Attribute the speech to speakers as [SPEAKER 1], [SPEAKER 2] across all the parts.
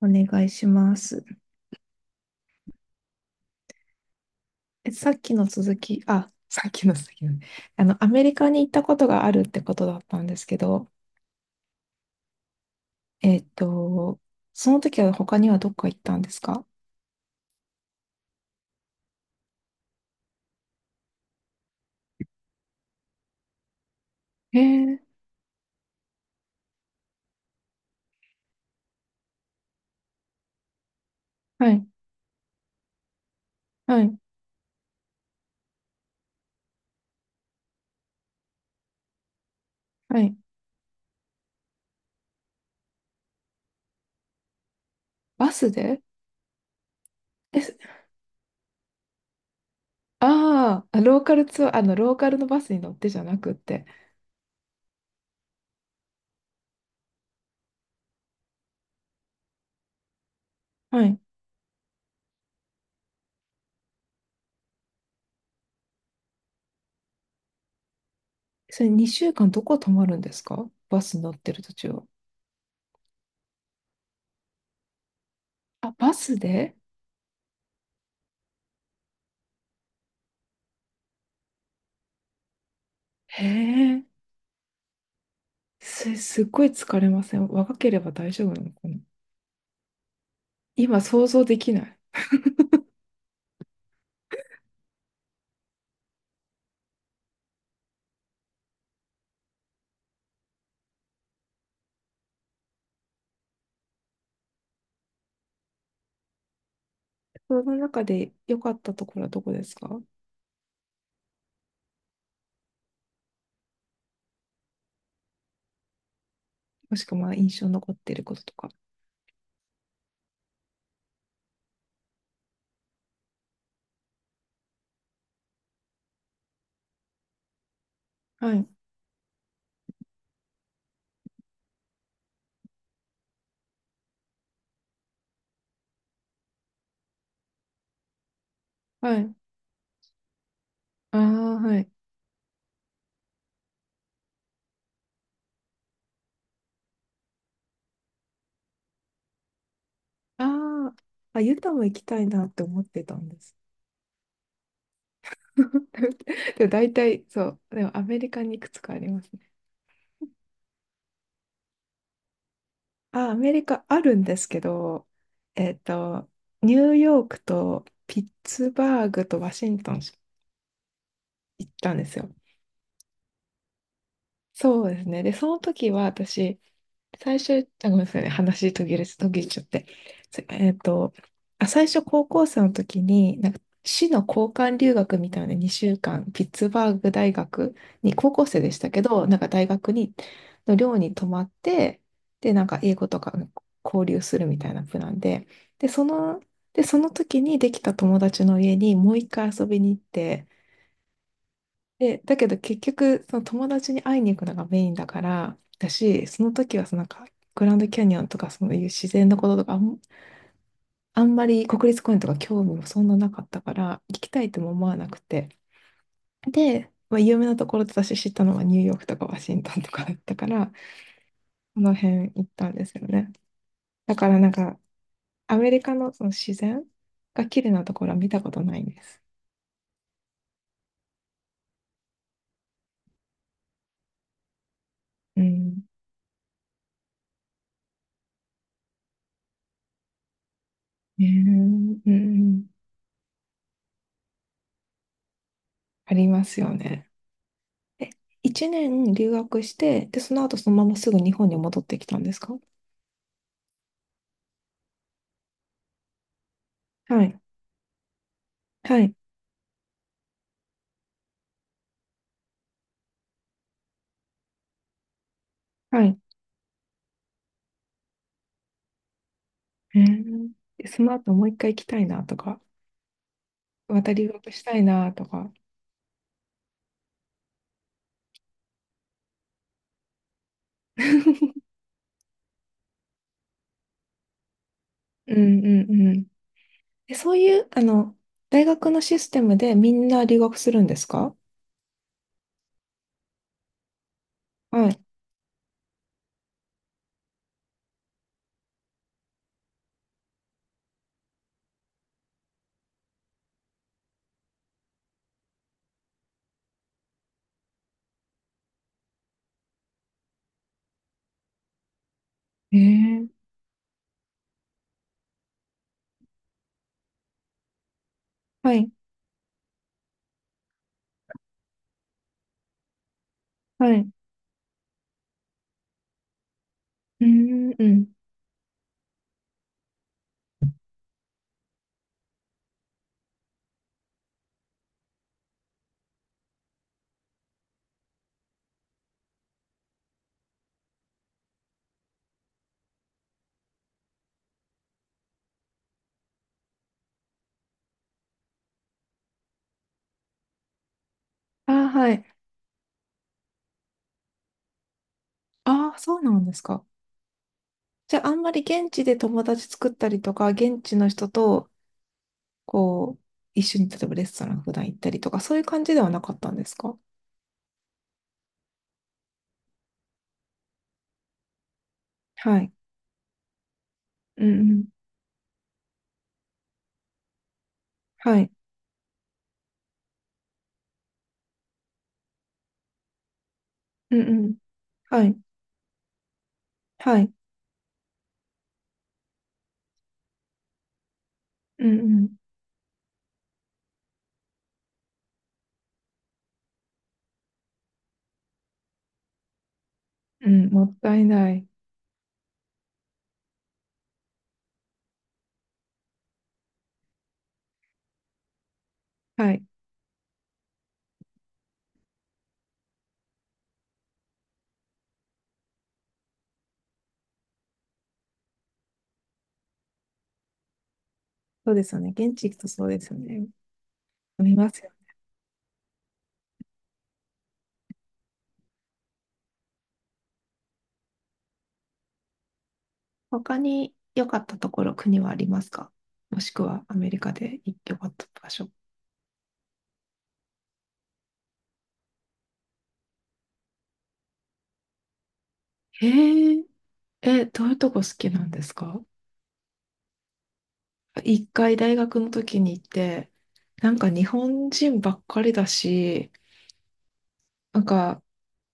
[SPEAKER 1] お願いします。さっきの続き、あ、さっきの続きなんで、あの、アメリカに行ったことがあるってことだったんですけど、えっと、その時は他にはどっか行ったんですか？えー、はい。はい。はい。バスで？え、ああ、ー、ローカルツアー、ローカルのバスに乗ってじゃなくって。はい。それ、2週間どこ泊まるんですか？バスに乗ってる途中。あ、バスで？へえ、すっごい疲れません？若ければ大丈夫なのかな。今想像できない。その中で良かったところはどこですか？もしくは、まあ印象に残っていることとか。はい。はい。ああ、はい。ああ、あ、ユタも行きたいなって思ってたんです。でも大体、そう。でもアメリカにいくつかありますね。あ、アメリカあるんですけど、えっと、ニューヨークとピッツバーグとワシントン行ったんですよ。そうですね。で、その時は私、最初、あ、ごめんなさいね。話途切れ、途切れちゃって。つえっと、あ、最初高校生の時に、なんか市の交換留学みたいな2週間、ピッツバーグ大学に、高校生でしたけど、なんか大学に、の寮に泊まって、で、なんか英語とか交流するみたいなプランで、で、その、で、その時にできた友達の家にもう一回遊びに行って、で、だけど結局、その友達に会いに行くのがメインだから、だし、その時はそのなんか、グランドキャニオンとかそういう自然のこととかあんまり国立公園とか興味もそんななかったから、行きたいとも思わなくて。で、まあ、有名なところで私知ったのはニューヨークとかワシントンとかだったから、この辺行ったんですよね。だからなんか、アメリカのその自然が綺麗なところは見たことないんです。うん。ねえ、うんうん。ありますよね。え、一年留学して、で、その後そのまますぐ日本に戻ってきたんですか？はい。はい。はい。へえ。でその後もう一回行きたいなとか、また留学したいなとか。うんうんうん。え、そういう、あの、大学のシステムでみんな留学するんですか？はい。へえ。はい。はい。うん、うん。ああ、はい。ああ、そうなんですか。じゃあ、あんまり現地で友達作ったりとか、現地の人とこう、一緒に例えばレストラン普段行ったりとか、そういう感じではなかったんですか？はい。うんうん。はい。うんうん。はい。はい。うんうん。うん、もったいない。はい。そうですよね。現地行くとそうですよね。飲みますよ。他に良かったところ、国はありますか？もしくはアメリカで良かった場所。へえ、え、どういうとこ好きなんですか？一回大学の時に行って、なんか日本人ばっかりだし、なんか、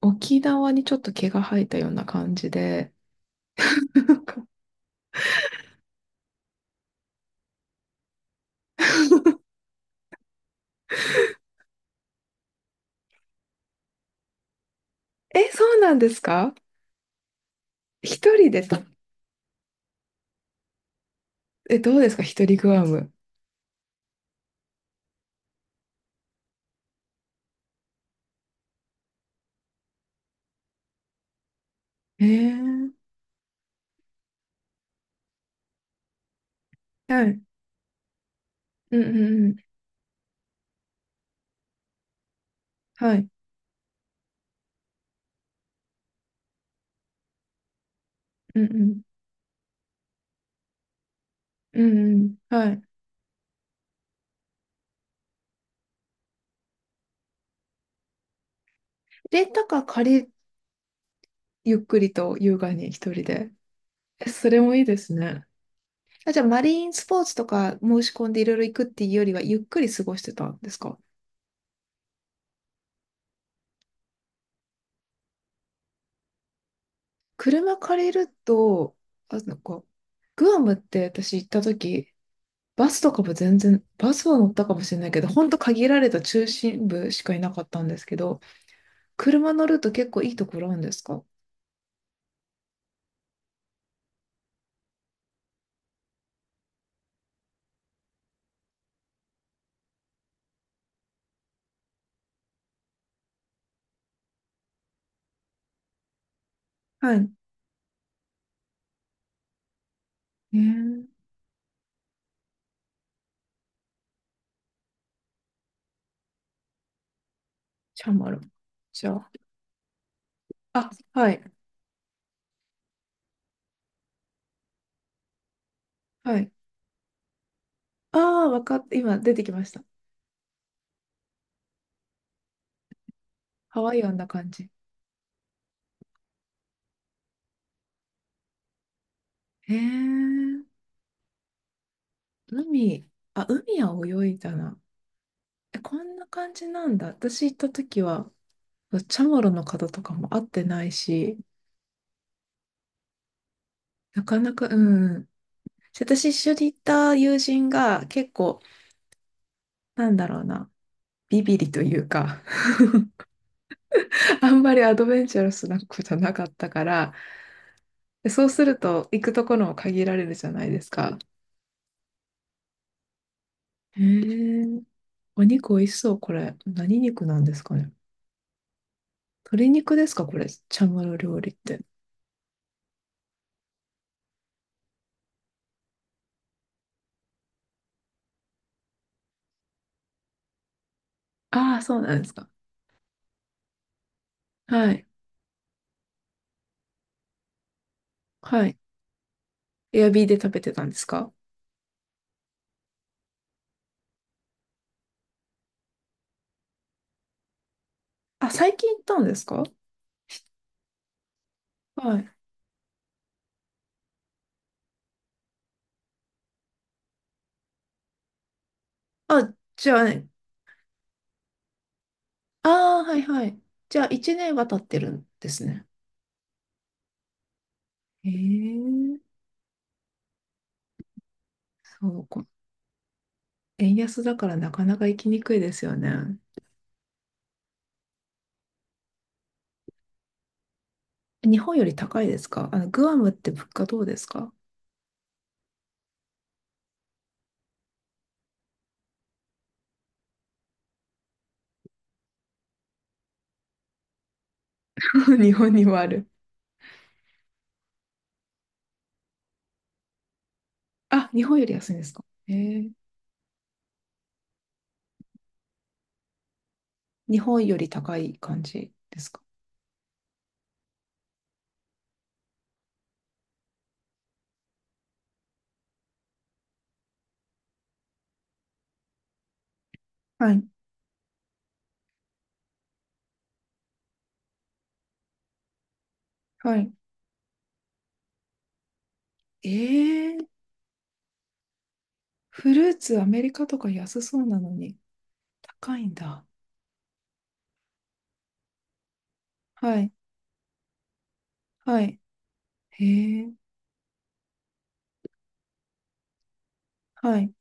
[SPEAKER 1] 沖縄にちょっと毛が生えたような感じで、なんか、 え、そうなんですか？一人ですか？え、どうですか、一人グアム。えー、はい。うんうんうん。はい。うんうん。うんうん。はい。レンタカー借り、ゆっくりと優雅に一人で。え、それもいいですね。あ、じゃあ、マリンスポーツとか申し込んでいろいろ行くっていうよりは、ゆっくり過ごしてたんですか？車借りると、あ、なんか、グアムって私行った時、バスとかも全然、バスは乗ったかもしれないけど、ほんと限られた中心部しかいなかったんですけど、車乗ると結構いいところあるんですか？はい。えー、チャマル。じゃあ、あ、はい、はい。ああ、わかった。今出てきました。ハワイアンな感じ。へえ、海、あ、海は泳いだな。え、こんな感じなんだ。私行った時は、チャマロの方とかも会ってないし、なかなか、うん。私一緒に行った友人が結構、なんだろうな、ビビリというか、 あんまりアドベンチャラスな子じゃなかったから、でそうすると行くところも限られるじゃないですか。へえ、お肉美味しそう、これ。何肉なんですかね。鶏肉ですか、これ。チャムロ料理って。ああ、そうなんですか。はい。はい。エアビーで食べてたんですか？あ、最近行ったんですか？はい。あ、じゃあね。ああ、はいはい。じゃあ、1年は経ってるんですね。へえ、そうか。円安だからなかなか行きにくいですよね。日本より高いですか、あの、グアムって物価どうですか？ 日本にもある。あ、日本より安いんですか？えー、日本より高い感じですか？はい、はい。えー、フルーツアメリカとか安そうなのに高いんだ。はい、はい。えー、はい。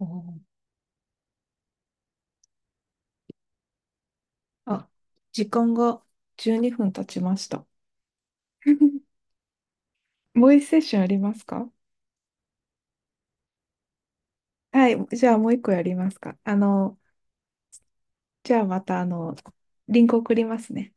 [SPEAKER 1] おー、あ、時間が12分経ちました。もう一セッションありますか？はい、じゃあもう一個やりますか。じゃあまた、リンク送りますね。